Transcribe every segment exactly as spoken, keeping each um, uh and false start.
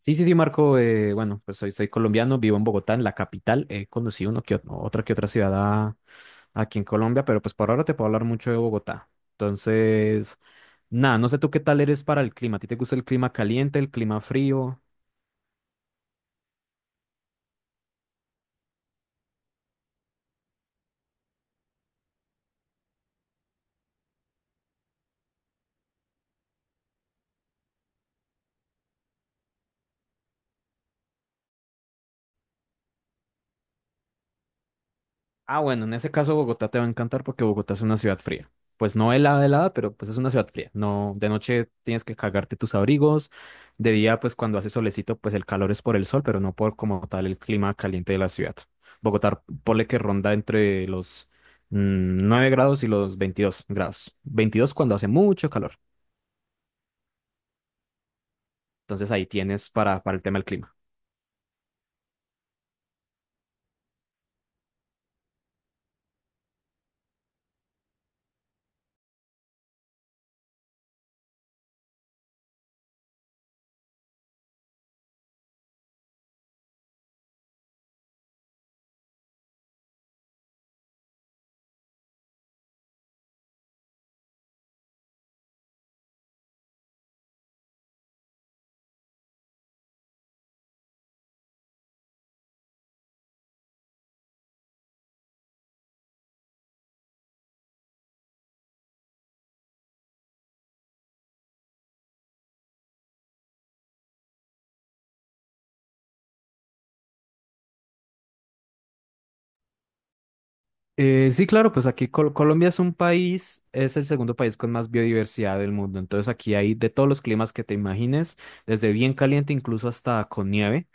Sí, sí, sí, Marco. Eh, bueno, pues soy, soy colombiano, vivo en Bogotá, en la capital. He conocido uno que, ot- otra que otra ciudad a- aquí en Colombia, pero pues por ahora te puedo hablar mucho de Bogotá. Entonces, nada, no sé tú qué tal eres para el clima. ¿A ti te gusta el clima caliente, el clima frío? Ah, bueno, en ese caso Bogotá te va a encantar porque Bogotá es una ciudad fría. Pues no helada, helada, pero pues es una ciudad fría. No, de noche tienes que cagarte tus abrigos. De día, pues cuando hace solecito, pues el calor es por el sol, pero no por como tal el clima caliente de la ciudad. Bogotá, ponle que ronda entre los mm, nueve grados y los veintidós grados. Veintidós cuando hace mucho calor. Entonces ahí tienes para, para el tema del clima. Eh, sí, claro, pues aquí Col- Colombia es un país, es el segundo país con más biodiversidad del mundo. Entonces aquí hay de todos los climas que te imagines, desde bien caliente incluso hasta con nieve.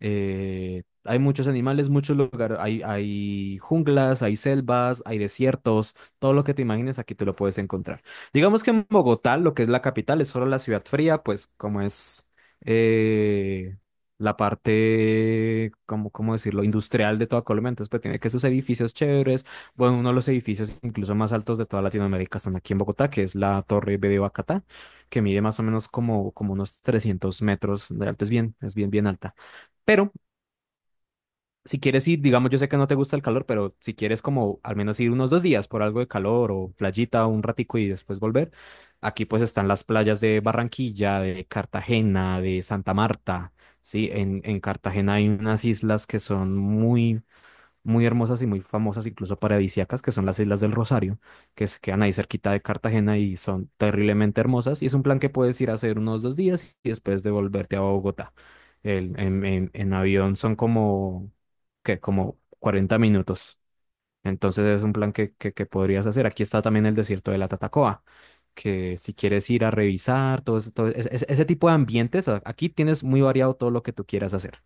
Eh, hay muchos animales, muchos lugares, hay, hay junglas, hay selvas, hay desiertos, todo lo que te imagines aquí te lo puedes encontrar. Digamos que en Bogotá, lo que es la capital, es solo la ciudad fría, pues como es eh, la parte, cómo cómo decirlo?, industrial de toda Colombia. Entonces, pues tiene que sus edificios chéveres, bueno, uno de los edificios incluso más altos de toda Latinoamérica están aquí en Bogotá, que es la Torre B de Bacatá, que mide más o menos como, como unos trescientos metros de alto. Es bien, es bien, bien alta. Pero si quieres ir, digamos, yo sé que no te gusta el calor, pero si quieres como al menos ir unos dos días por algo de calor o playita un ratico y después volver, aquí pues están las playas de Barranquilla, de Cartagena, de Santa Marta, ¿sí? En, en Cartagena hay unas islas que son muy muy hermosas y muy famosas, incluso paradisíacas, que son las Islas del Rosario, que se quedan ahí cerquita de Cartagena y son terriblemente hermosas. Y es un plan que puedes ir a hacer unos dos días y después devolverte a Bogotá. El- en, en- en avión son como, que como cuarenta minutos. Entonces es un plan que, que, que podrías hacer. Aquí está también el desierto de la Tatacoa, que si quieres ir a revisar todo, ese- todo ese, ese- ese tipo de ambientes, a- aquí tienes muy variado todo lo que tú quieras hacer.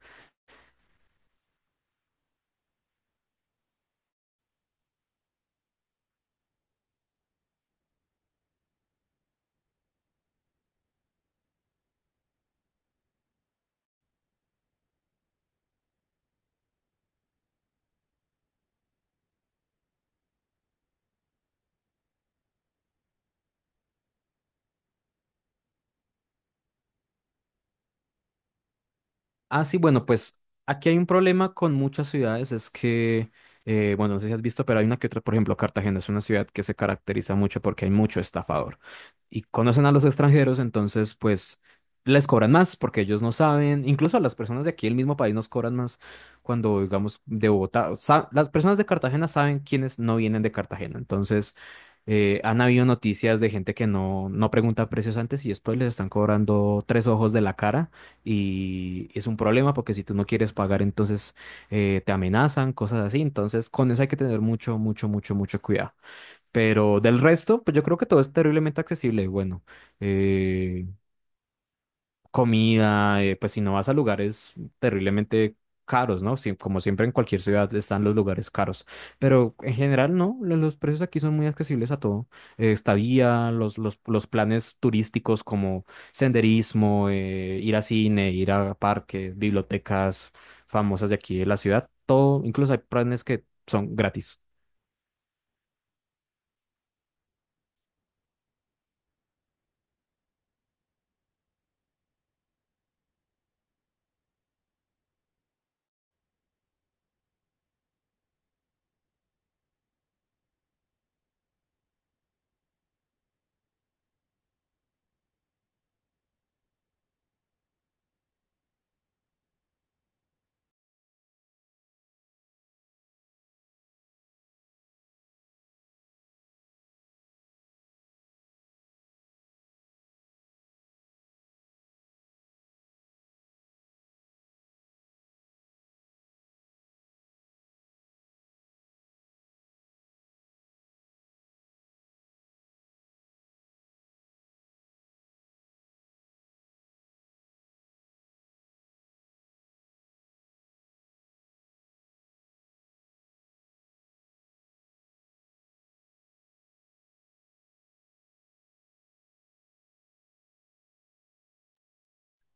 Ah, sí, bueno, pues aquí hay un problema con muchas ciudades, es que, eh, bueno, no sé si has visto, pero hay una que otra, por ejemplo, Cartagena es una ciudad que se caracteriza mucho porque hay mucho estafador y conocen a los extranjeros, entonces, pues, les cobran más porque ellos no saben, incluso a las personas de aquí del mismo país nos cobran más cuando, digamos, de Bogotá, o sa- las personas de Cartagena saben quiénes no vienen de Cartagena, entonces, eh, han habido noticias de gente que no, no pregunta precios antes y después les están cobrando tres ojos de la cara y es un problema porque si tú no quieres pagar, entonces eh, te amenazan, cosas así. Entonces, con eso hay que tener mucho, mucho, mucho, mucho cuidado. Pero del resto, pues yo creo que todo es terriblemente accesible. Bueno, eh, comida, eh, pues si no vas a lugares terriblemente caros, ¿no? Sí, como siempre en cualquier ciudad están los lugares caros, pero en general no, lo- los precios aquí son muy accesibles a todo. Eh, estadía, los, los, los planes turísticos como senderismo, eh, ir a cine, ir a parques, bibliotecas famosas de aquí de la ciudad, todo, incluso hay planes que son gratis.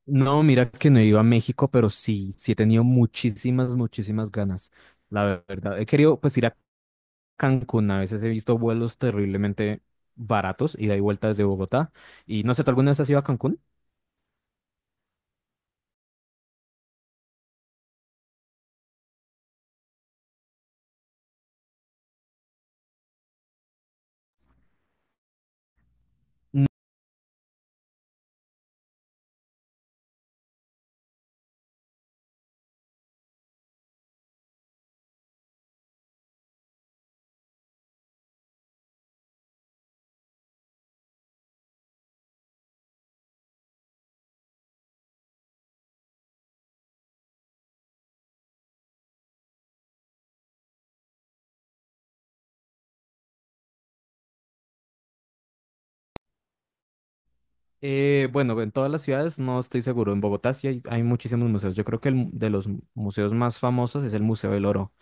No, mira que no he ido a México, pero sí, sí he tenido muchísimas, muchísimas ganas, la verdad. He querido pues ir a Cancún, a veces he visto vuelos terriblemente baratos, ida y vuelta desde Bogotá. Y no sé, ¿tú alguna vez has ido a Cancún? Eh, bueno, en todas las ciudades no estoy seguro. En Bogotá sí hay, hay muchísimos museos. Yo creo que el mu- de los mu- museos más famosos es el Museo del Oro,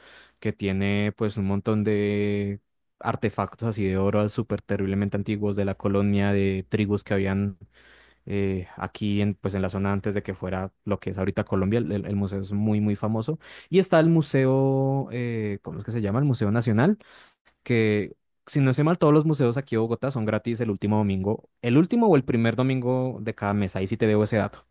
que tiene pues un montón de artefactos así de oro súper terriblemente antiguos de la colonia de tribus que habían eh, aquí en, pues en la zona antes de que fuera lo que es ahorita Colombia, el, el- el museo es muy, muy famoso. Y está el museo, eh, ¿cómo es que se llama? El Museo Nacional, que si no estoy mal, todos los museos aquí de Bogotá son gratis el último domingo, el último o el primer domingo de cada mes, ahí sí te debo ese dato.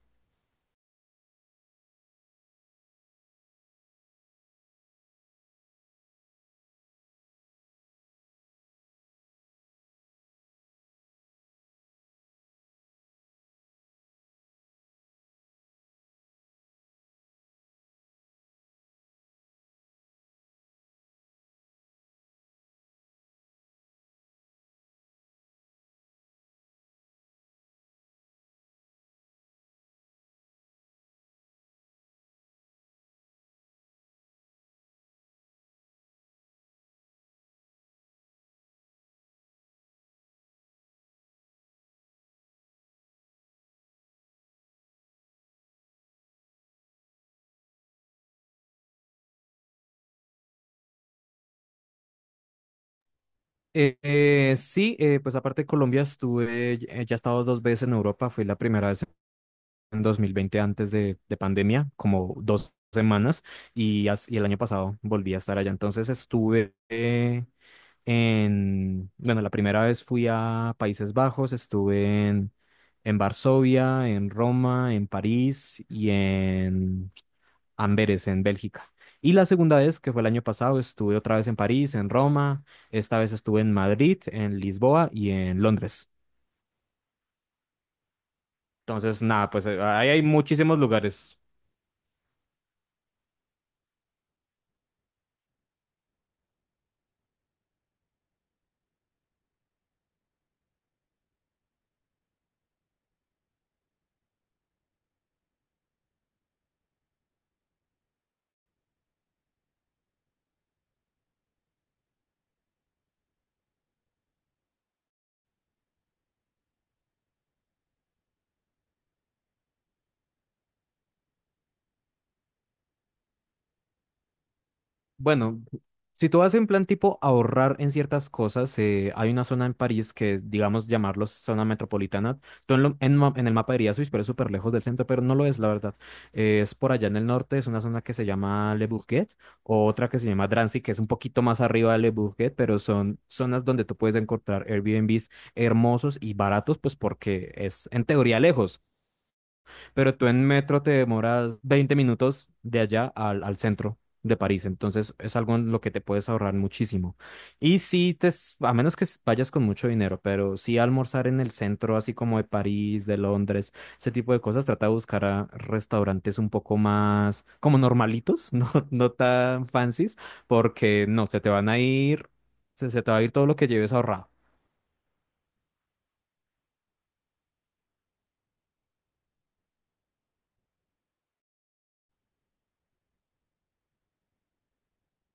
Eh, eh, sí, eh, pues aparte de Colombia estuve, eh, ya he estado dos veces en Europa, fui la primera vez en dos mil veinte antes de, de pandemia, como dos semanas, y, as- y el año pasado volví a estar allá. Entonces estuve eh, En, bueno, la primera vez fui a Países Bajos, estuve en, en Varsovia, en Roma, en París y en Amberes, en Bélgica. Y la segunda vez, que fue el año pasado, estuve otra vez en París, en Roma, esta vez estuve en Madrid, en Lisboa y en Londres. Entonces, nada, pues eh, ahí hay muchísimos lugares. Bueno, si tú vas en plan tipo ahorrar en ciertas cosas, eh, hay una zona en París que, es, digamos, llamarlos zona metropolitana. Tú en, lo- en ma- En el mapa dirías, uy, pero es súper lejos del centro, pero no lo es, la verdad. Eh, es por allá en el norte, es una zona que se llama Le Bourget, o otra que se llama Drancy, que es un poquito más arriba de Le Bourget, pero son zonas donde tú puedes encontrar Airbnbs hermosos y baratos, pues porque es en teoría lejos, pero tú en metro te demoras veinte minutos de allá al, al centro de París, entonces es algo en lo que te puedes ahorrar muchísimo. Y sí, te, s- a menos que s- vayas con mucho dinero, pero sí almorzar en el centro, así como de París, de Londres, ese tipo de cosas, trata de buscar a restaurantes un poco más como normalitos, no, no tan fancies, porque no, se te van a ir, se, se te va a ir todo lo que lleves ahorrado.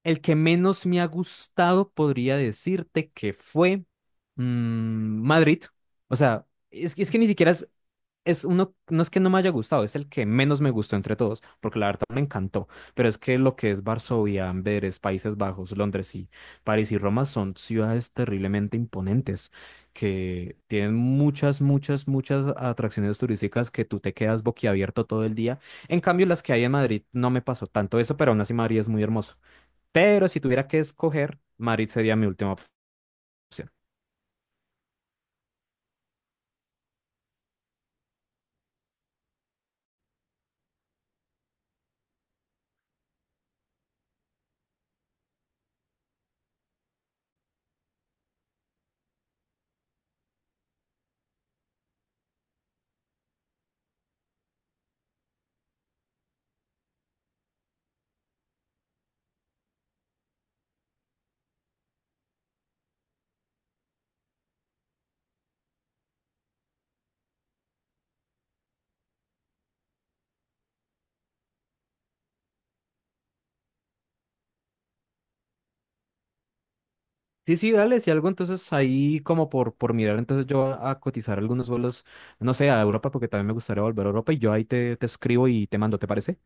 El que menos me ha gustado podría decirte que fue mm, Madrid. O sea, es, que- es que ni siquiera es, es uno, no es que no me haya gustado, es el que menos me gustó entre todos, porque la verdad me encantó. Pero es que lo que es Varsovia, Amberes, Países Bajos, Londres y París y Roma son ciudades terriblemente imponentes, que tienen muchas, muchas, muchas atracciones turísticas que tú te quedas boquiabierto todo el día. En cambio, las que hay en Madrid no me pasó tanto eso, pero aún así Madrid es muy hermoso. Pero si tuviera que escoger, Madrid sería mi última opción. Sí, sí, dale, si algo, entonces ahí como por, por mirar, entonces yo a, a cotizar algunos vuelos, no sé, a Europa, porque también me gustaría volver a Europa y yo ahí te, te escribo y te mando, ¿te parece?